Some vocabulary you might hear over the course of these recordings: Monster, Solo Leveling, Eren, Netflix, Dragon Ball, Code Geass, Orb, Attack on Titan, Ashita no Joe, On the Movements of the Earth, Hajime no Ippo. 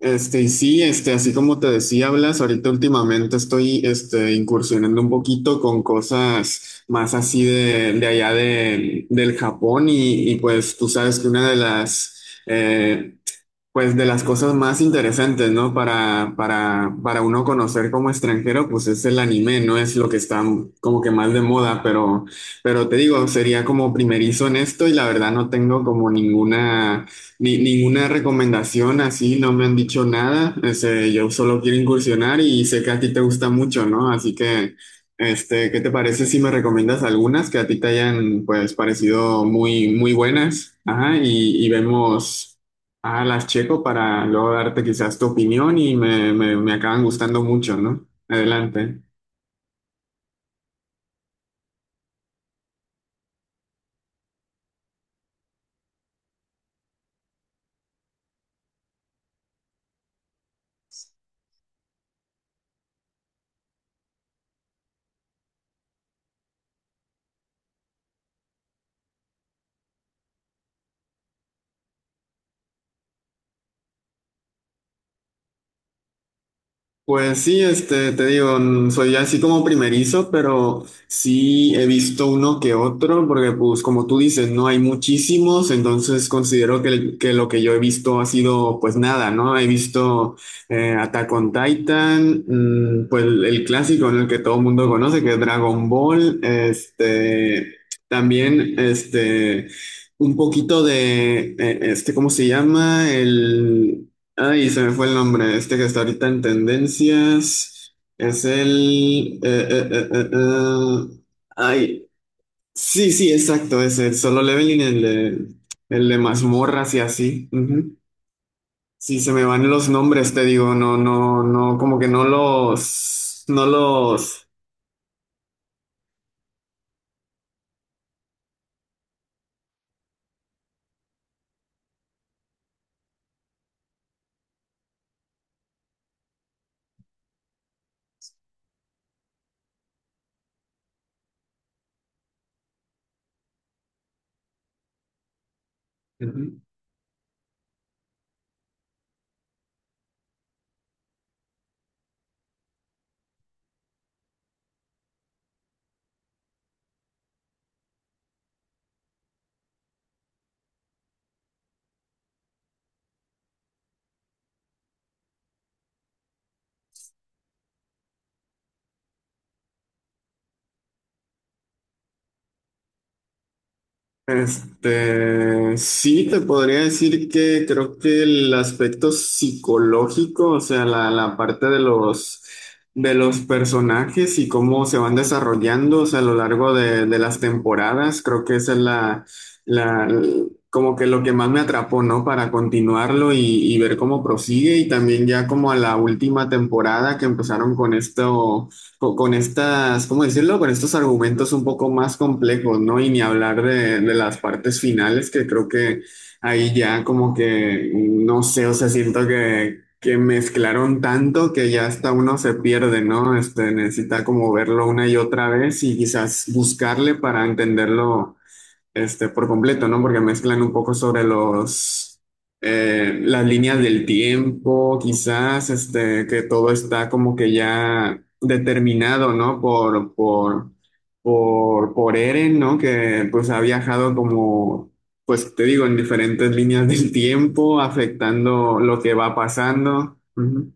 Y sí, así como te decía, Blas, ahorita últimamente estoy, incursionando un poquito con cosas más así de allá del Japón y pues tú sabes que una de las, pues de las cosas más interesantes, ¿no? Para uno conocer como extranjero, pues es el anime, no es lo que está como que más de moda, pero te digo, sería como primerizo en esto y la verdad no tengo como ninguna, ni, ninguna recomendación así, no me han dicho nada, yo solo quiero incursionar y sé que a ti te gusta mucho, ¿no? Así que, ¿qué te parece si me recomiendas algunas que a ti te hayan, pues, parecido muy, muy buenas? Ajá, y vemos. Ah, las checo para luego darte quizás tu opinión y me acaban gustando mucho, ¿no? Adelante. Pues sí, te digo, soy así como primerizo, pero sí he visto uno que otro, porque pues como tú dices, no hay muchísimos, entonces considero que, que lo que yo he visto ha sido pues nada, ¿no? He visto Attack on Titan, pues el clásico en el que todo el mundo conoce, que es Dragon Ball, también, un poquito de, ¿cómo se llama? Ay, se me fue el nombre. Este que está ahorita en tendencias es el. Ay, sí, sí, exacto. Es el Solo Leveling, el de mazmorras y así. Ujú. Sí, se me van los nombres, te digo. No, no, no, como que no los. No los. Ujú. Sí, te podría decir que creo que el aspecto psicológico, o sea, la parte de los personajes y cómo se van desarrollando, o sea, a lo largo de las temporadas, creo que esa es la, como que lo que más me atrapó, ¿no? Para continuarlo y ver cómo prosigue y también ya como a la última temporada que empezaron con esto con estas, ¿cómo decirlo? Con estos argumentos un poco más complejos, ¿no? Y ni hablar de las partes finales, que creo que ahí ya como que, no sé, o sea, siento que mezclaron tanto que ya hasta uno se pierde, ¿no? Necesita como verlo una y otra vez y quizás buscarle para entenderlo por completo, ¿no? Porque mezclan un poco sobre las líneas del tiempo, quizás, que todo está como que ya determinado, ¿no? Por Eren, ¿no? Que pues ha viajado como, pues te digo, en diferentes líneas del tiempo, afectando lo que va pasando. Ujú,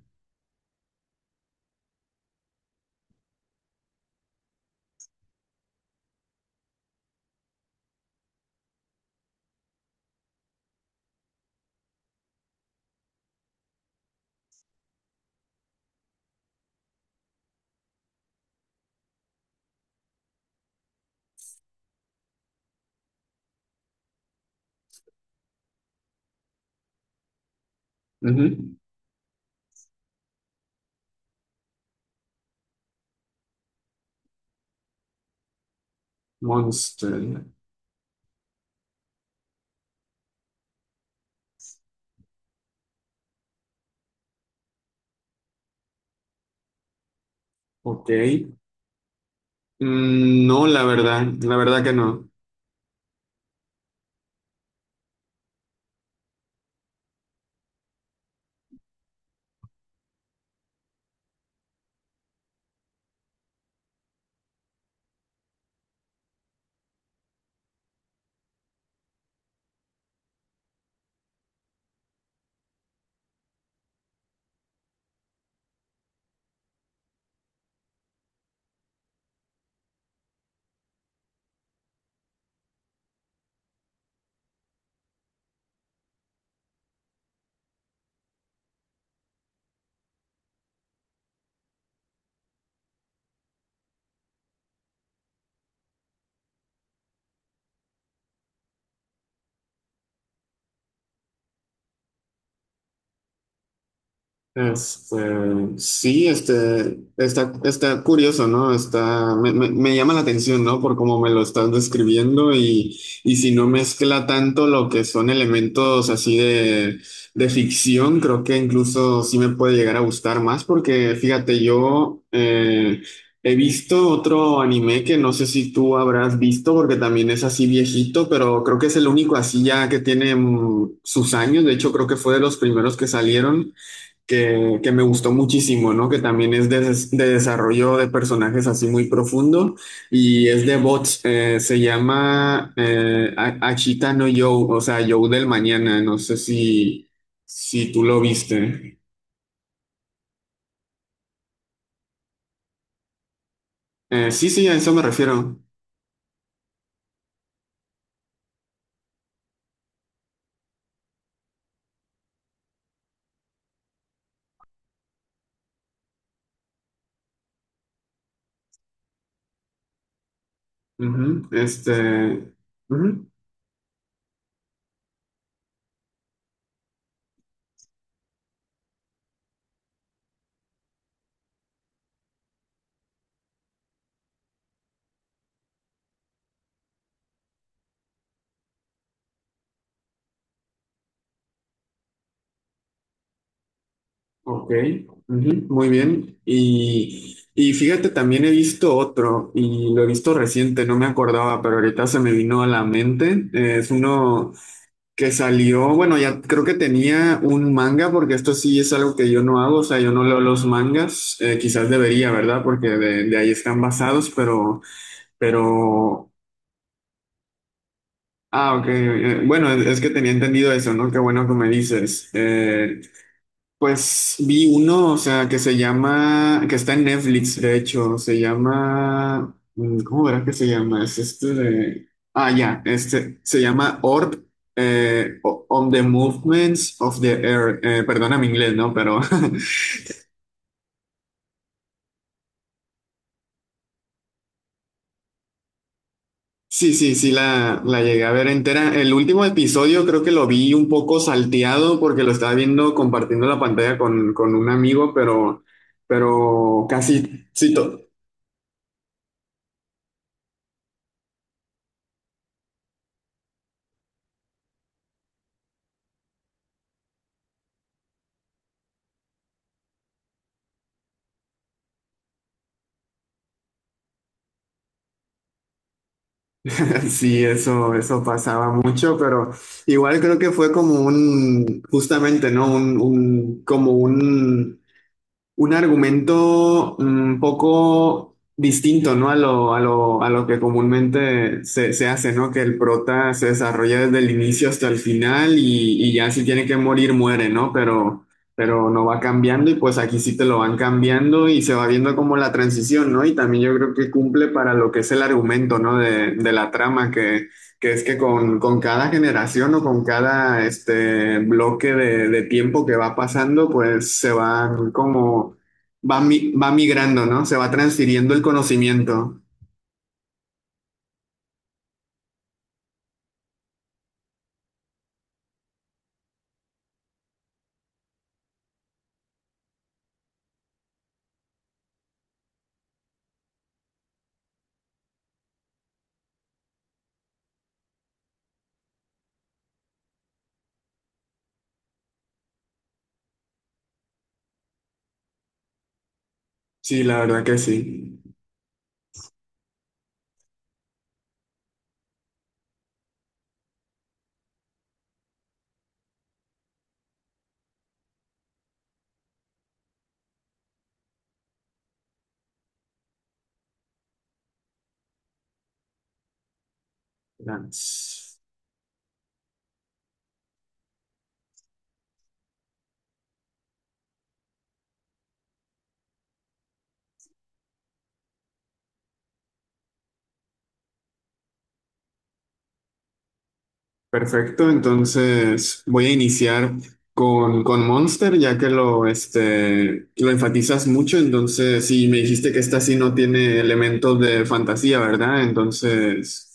ujú. Monster, ok. Mm, no, la verdad que no. Este, sí, está curioso, ¿no? Me llama la atención, ¿no? Por cómo me lo estás describiendo y si no mezcla tanto lo que son elementos así de ficción, creo que incluso sí me puede llegar a gustar más porque, fíjate, yo he visto otro anime que no sé si tú habrás visto porque también es así viejito, pero creo que es el único así ya que tiene sus años, de hecho creo que fue de los primeros que salieron que me gustó muchísimo, ¿no? Que también es de desarrollo de personajes así muy profundo y es de bots, se llama Ashita no Joe, o sea, Joe del mañana, no sé si tú lo viste. Sí, sí, a eso me refiero. Ujú, ujú, ok, ujú, muy bien. Y fíjate, también he visto otro y lo he visto reciente, no me acordaba, pero ahorita se me vino a la mente. Es uno que salió, bueno, ya creo que tenía un manga, porque esto sí es algo que yo no hago, o sea, yo no leo los mangas, quizás debería, ¿verdad? Porque de ahí están basados, pero, ah, ok, bueno, es que tenía entendido eso, ¿no? Qué bueno que me dices. Pues vi uno, o sea, que se llama, que está en Netflix, de hecho, se llama, ¿cómo verás que se llama? Es este de, ah, ya, se llama Orb, On the Movements of the Earth, perdona mi inglés, ¿no? Pero sí, sí, sí, la llegué a ver entera. El último episodio creo que lo vi un poco salteado porque lo estaba viendo compartiendo la pantalla con un amigo, pero casi. Sí, Sí, eso pasaba mucho, pero igual creo que fue como un, justamente, ¿no? Como un argumento un poco distinto, ¿no? A lo que comúnmente se hace, ¿no? Que el prota se desarrolla desde el inicio hasta el final y ya si tiene que morir, muere, ¿no? Pero no va cambiando y pues aquí sí te lo van cambiando y se va viendo como la transición, ¿no? Y también yo creo que cumple para lo que es el argumento, ¿no? De la trama que. Que es que con cada generación o con cada este bloque de tiempo que va pasando, pues se van como, va migrando, ¿no? Se va transfiriendo el conocimiento. Sí, la verdad que sí. Trans. Perfecto, entonces voy a iniciar con Monster, ya que lo enfatizas mucho, entonces sí, me dijiste que esta sí no tiene elementos de fantasía, ¿verdad? Entonces.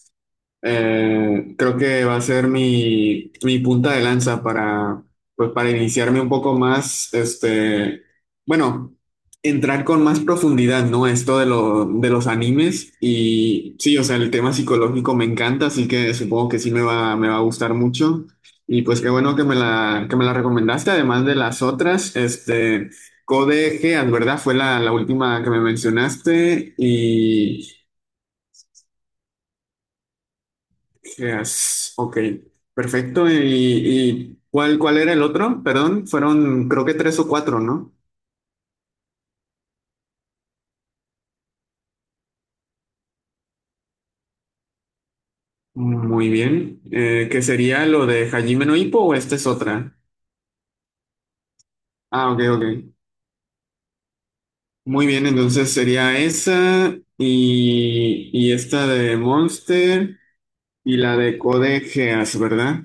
Creo que va a ser mi punta de lanza para, pues, para iniciarme un poco más, bueno, entrar con más profundidad, ¿no? Esto de, lo, de los animes y sí, o sea, el tema psicológico me encanta, así que supongo que sí me va a gustar mucho. Y pues qué bueno que me la recomendaste, además de las otras, Code Geass, ¿verdad? Fue la última que me mencionaste y ¿qué has? Ok, perfecto. ¿Y cuál era el otro? Perdón, fueron creo que tres o cuatro, ¿no? Muy bien. ¿Qué sería lo de Hajime no Ippo o esta es otra? Ah, ok, ok. Muy bien, entonces sería esa y esta de Monster y la de Code Geass, ¿verdad?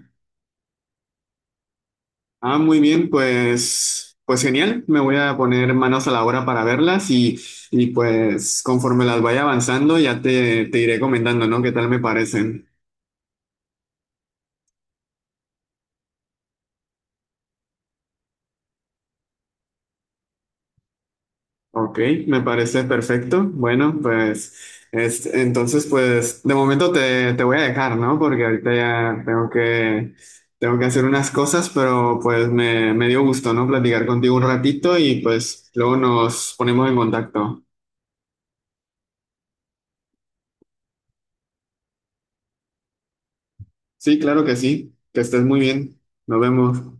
Ah, muy bien, pues genial. Me voy a poner manos a la obra para verlas y pues conforme las vaya avanzando ya te iré comentando, ¿no? ¿Qué tal me parecen? Ok, me parece perfecto. Bueno, pues entonces pues de momento te voy a dejar, ¿no? Porque ahorita ya tengo que hacer unas cosas, pero pues me dio gusto, ¿no? Platicar contigo un ratito y pues luego nos ponemos en contacto. Sí, claro que sí. Que estés muy bien. Nos vemos.